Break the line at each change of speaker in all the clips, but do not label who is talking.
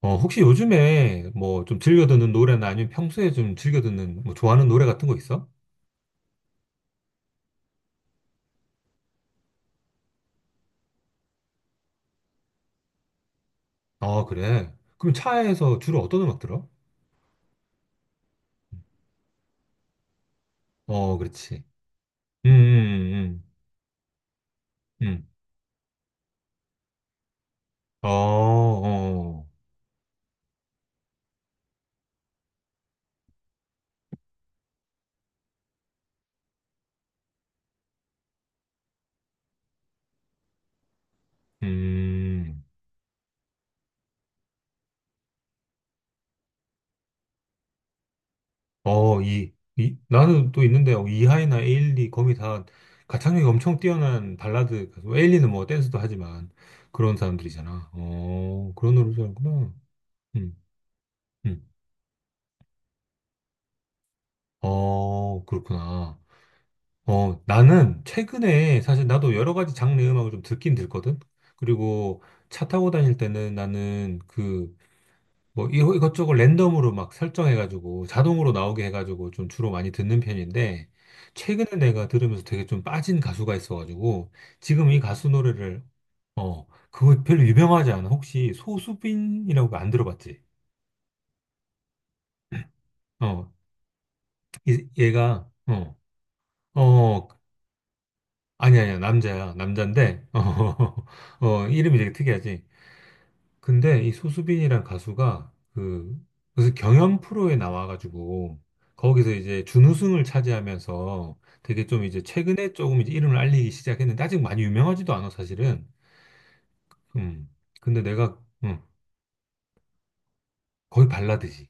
혹시 요즘에 뭐 좀 즐겨 듣는 노래나 아니면 평소에 좀 즐겨 듣는 뭐 좋아하는 노래 같은 거 있어? 아, 그래. 그럼 차에서 주로 어떤 음악 들어? 어, 그렇지. 음, 음, 음, 음. 음. 어, 어, 음. 나는 또 있는데, 이하이나 에일리, 거미 다 가창력이 엄청 뛰어난 발라드, 가수. 뭐 에일리는 뭐 댄스도 하지만 그런 사람들이잖아. 그런 노래 좋아하는구나. 음, 음. 그렇구나. 나는 최근에 사실 나도 여러 가지 장르 음악을 좀 듣긴 듣거든. 그리고 차 타고 다닐 때는 나는 그 뭐 이것저것 랜덤으로 막 설정해가지고 자동으로 나오게 해가지고 좀 주로 많이 듣는 편인데 최근에 내가 들으면서 되게 좀 빠진 가수가 있어가지고 지금 이 가수 노래를 어, 그거 별로 유명하지 않아. 혹시 소수빈이라고 안 들어봤지? 어, 얘가 어, 아니, 아니야. 남자야. 남잔데, 이름이 되게 특이하지. 근데 이 소수빈이란 가수가 무슨 경연 프로에 나와가지고, 거기서 이제 준우승을 차지하면서 되게 좀 이제 최근에 조금 이제 이름을 알리기 시작했는데, 아직 많이 유명하지도 않아, 사실은. 음. 근데 내가, 음, 거의 발라드지.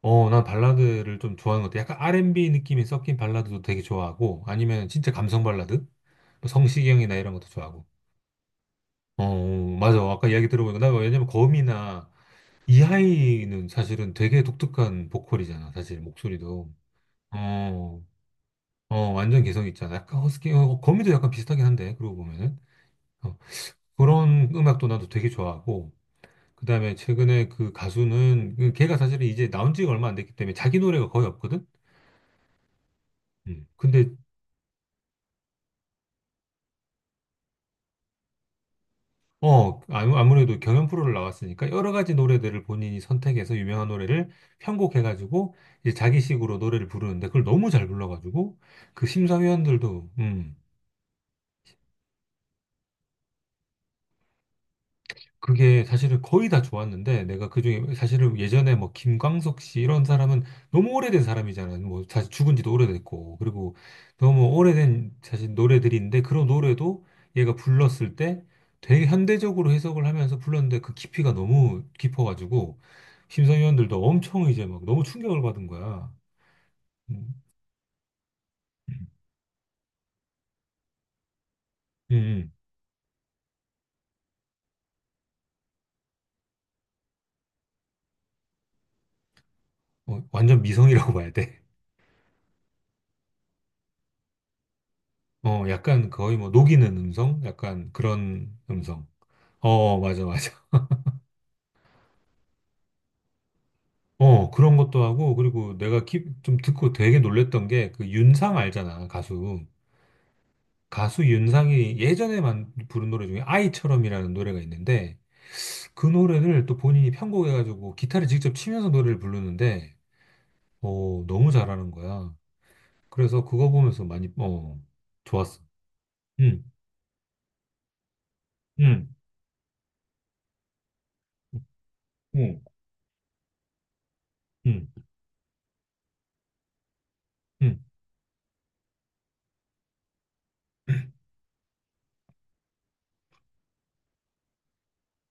난 발라드를 좀 좋아하는 것 같아. 약간 R&B 느낌이 섞인 발라드도 되게 좋아하고, 아니면 진짜 감성 발라드? 뭐 성시경이나 이런 것도 좋아하고. 어, 어, 맞아. 아까 이야기 들어보니까 나 왜냐면 거미나 이하이는 사실은 되게 독특한 보컬이잖아. 사실 목소리도. 어, 완전 개성 있잖아. 약간 허스키, 거미도 약간 비슷하긴 한데, 그러고 보면은. 어, 그런 음악도 나도 되게 좋아하고, 그 다음에 최근에 그 가수는, 그 걔가 사실은 이제 나온 지가 얼마 안 됐기 때문에 자기 노래가 거의 없거든? 음. 근데 아무래도 경연 프로를 나왔으니까 여러 가지 노래들을 본인이 선택해서 유명한 노래를 편곡해가지고 이제 자기식으로 노래를 부르는데 그걸 너무 잘 불러가지고 그 심사위원들도. 그게 사실은 거의 다 좋았는데 내가 그중에 사실은 예전에 뭐 김광석 씨 이런 사람은 너무 오래된 사람이잖아. 뭐 사실 죽은 지도 오래됐고 그리고 너무 오래된 사실 노래들인데 그런 노래도 얘가 불렀을 때 되게 현대적으로 해석을 하면서 불렀는데 그 깊이가 너무 깊어가지고 심사위원들도 엄청 이제 막 너무 충격을 받은 거야. 음, 음, 음. 완전 미성이라고 봐야 돼. 약간 거의 뭐 녹이는 음성, 약간 그런 음성. 어, 맞아, 맞아. 그런 것도 하고, 그리고 내가 좀 듣고 되게 놀랬던 게, 그 윤상 알잖아, 가수. 가수 윤상이 예전에 만 부른 노래 중에 아이처럼이라는 노래가 있는데, 그 노래를 또 본인이 편곡해가지고 기타를 직접 치면서 노래를 부르는데, 너무 잘하는 거야. 그래서 그거 보면서 많이, 좋았어. 응, 응, 응, 응, 응.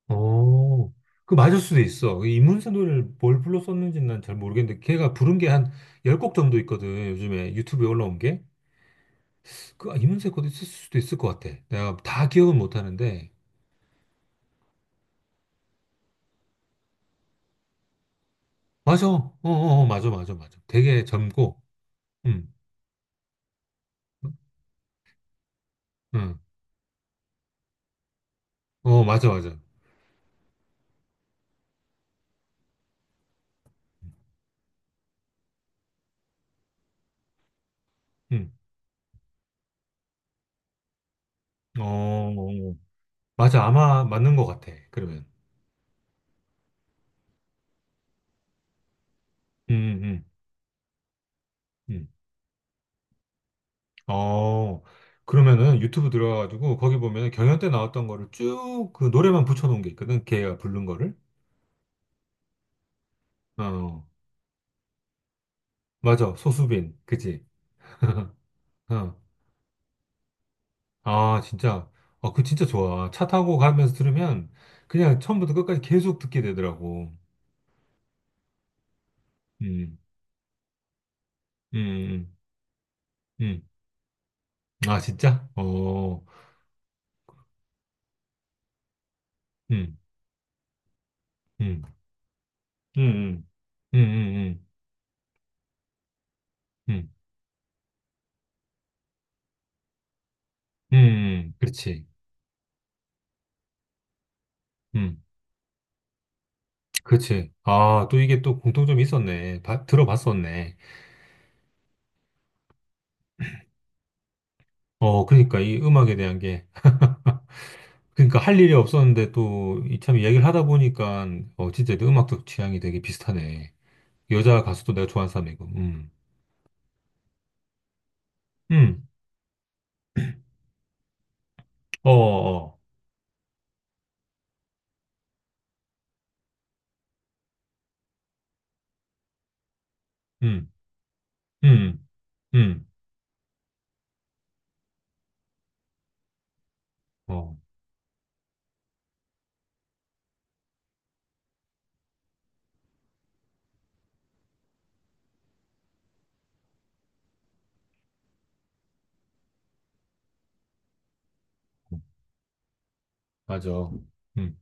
어, 맞을 수도 있어. 이 이문세 노래를 뭘 불러 썼는지는 난 잘 모르겠는데 걔가 부른 게 한 10곡 정도 있거든. 요즘에 유튜브에 올라온 게. 아, 이문세 것도 있을 수도 있을 것 같아. 내가 다 기억은 못 하는데. 맞아. 어, 어, 어, 맞아, 맞아, 맞아. 되게 젊고. 응. 응. 어, 맞아, 맞아. 응. 어, 어, 어. 맞아. 아마 맞는 것 같아. 그러면. 응, 응. 응. 어, 그러면은 유튜브 들어가가지고 거기 보면은 경연 때 나왔던 거를 쭉 그 노래만 붙여놓은 게 있거든. 걔가 부른 거를. 어, 맞아. 소수빈. 그지? 어. 아, 진짜. 진짜 좋아. 차 타고 가면서 들으면 그냥 처음부터 끝까지 계속 듣게 되더라고. 음, 음, 음, 음. 아, 진짜? 음, 음, 음, 음, 음, 음, 음, 음, 음, 음, 그렇지. 음, 그렇지. 아, 또 이게 또 공통점이 있었네. 들어봤었네. 그러니까 이 음악에 대한 게 그러니까 할 일이 없었는데 또 이 참 이야기를 하다 보니까 진짜 내 음악적 취향이 되게 비슷하네. 여자 가수도 내가 좋아하는 사람이고. 음. 음. 어, 어. 음. 음. 음. 어. 맞아. 음.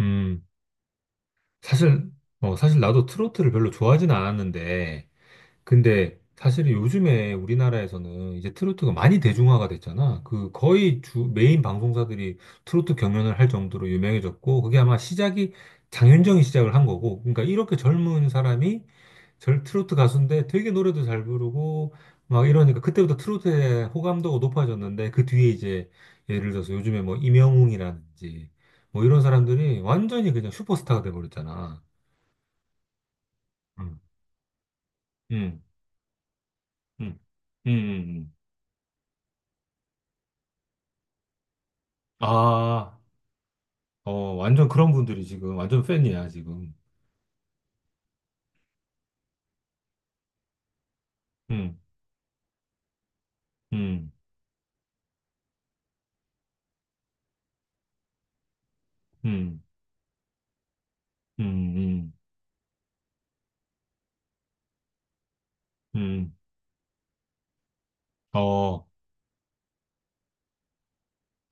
음. 사실 사실 나도 트로트를 별로 좋아하진 않았는데 근데 사실 요즘에 우리나라에서는 이제 트로트가 많이 대중화가 됐잖아. 거의 주 메인 방송사들이 트로트 경연을 할 정도로 유명해졌고 그게 아마 시작이 장윤정이 시작을 한 거고. 그러니까 이렇게 젊은 사람이 절 트로트 가수인데 되게 노래도 잘 부르고 막 이러니까 그때부터 트로트의 호감도가 높아졌는데 그 뒤에 이제 예를 들어서 요즘에 뭐 임영웅이라든지 뭐 이런 사람들이 완전히 그냥 슈퍼스타가 돼버렸잖아. 음. 음. 음. 음. 음. 음. 아, 완전 그런 분들이 지금 완전 팬이야, 지금. 음, 음, 음, 음, 음, 음. 어,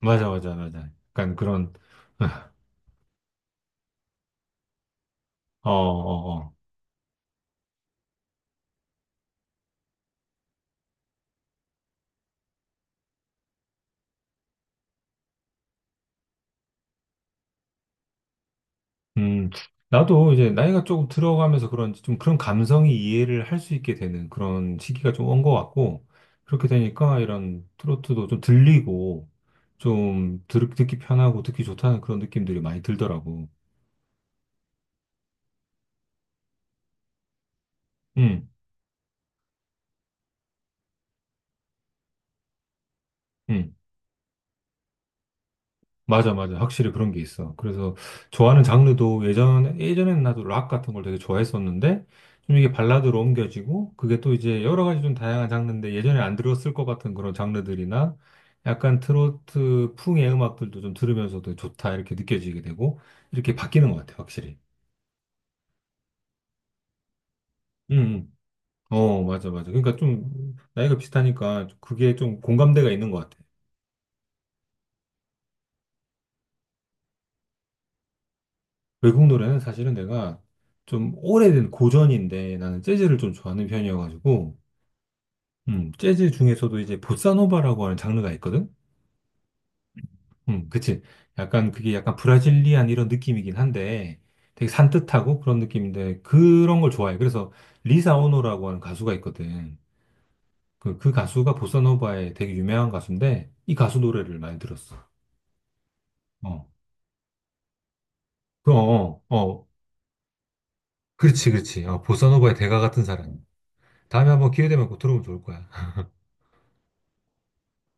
맞아, 맞아, 맞아. 약간 그런, 어, 어, 어. 음, 나도 이제 나이가 조금 들어가면서 그런지 좀 그런 감성이 이해를 할 수 있게 되는 그런 시기가 좀 온 것 같고, 그렇게 되니까 이런 트로트도 좀 들리고, 좀 듣기 편하고 듣기 좋다는 그런 느낌들이 많이 들더라고. 음, 음. 맞아, 맞아. 확실히 그런 게 있어. 그래서 좋아하는 장르도 예전에는 나도 락 같은 걸 되게 좋아했었는데, 좀 이게 발라드로 옮겨지고, 그게 또 이제 여러 가지 좀 다양한 장르인데, 예전에 안 들었을 것 같은 그런 장르들이나, 약간 트로트 풍의 음악들도 좀 들으면서도 좋다, 이렇게 느껴지게 되고, 이렇게 바뀌는 것 같아, 확실히. 음, 음. 어, 맞아, 맞아. 그러니까 좀, 나이가 비슷하니까, 그게 좀 공감대가 있는 것 같아. 외국 노래는 사실은 내가 좀 오래된 고전인데, 나는 재즈를 좀 좋아하는 편이어가지고, 재즈 중에서도 이제 보사노바라고 하는 장르가 있거든? 그치. 약간 그게 약간 브라질리안 이런 느낌이긴 한데 되게 산뜻하고 그런 느낌인데 그런 걸 좋아해. 그래서 리사 오노라고 하는 가수가 있거든. 그 가수가 보사노바의 되게 유명한 가수인데 이 가수 노래를 많이 들었어. 어, 그, 어, 어, 어. 그렇지, 그렇지. 보사노바의 대가 같은 사람. 다음에 한번 기회 되면 꼭 들어보면 좋을 거야.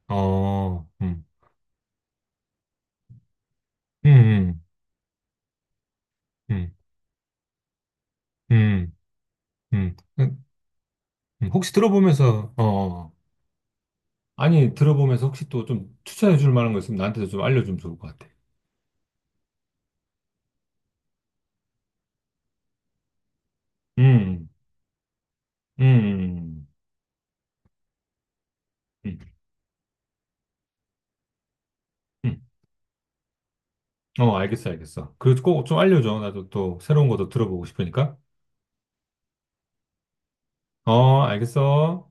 어, 음, 음, 음, 음, 음. 혹시 들어보면서. 어. 아니, 들어보면서 혹시 또 좀 추천해 줄 만한 거 있으면 나한테도 좀 알려주면 좋을 것 같아. 음, 음, 음, 음. 음. 어, 알겠어, 알겠어. 그리고 꼭 좀 알려줘. 나도 또 새로운 것도 들어보고 싶으니까. 어, 알겠어.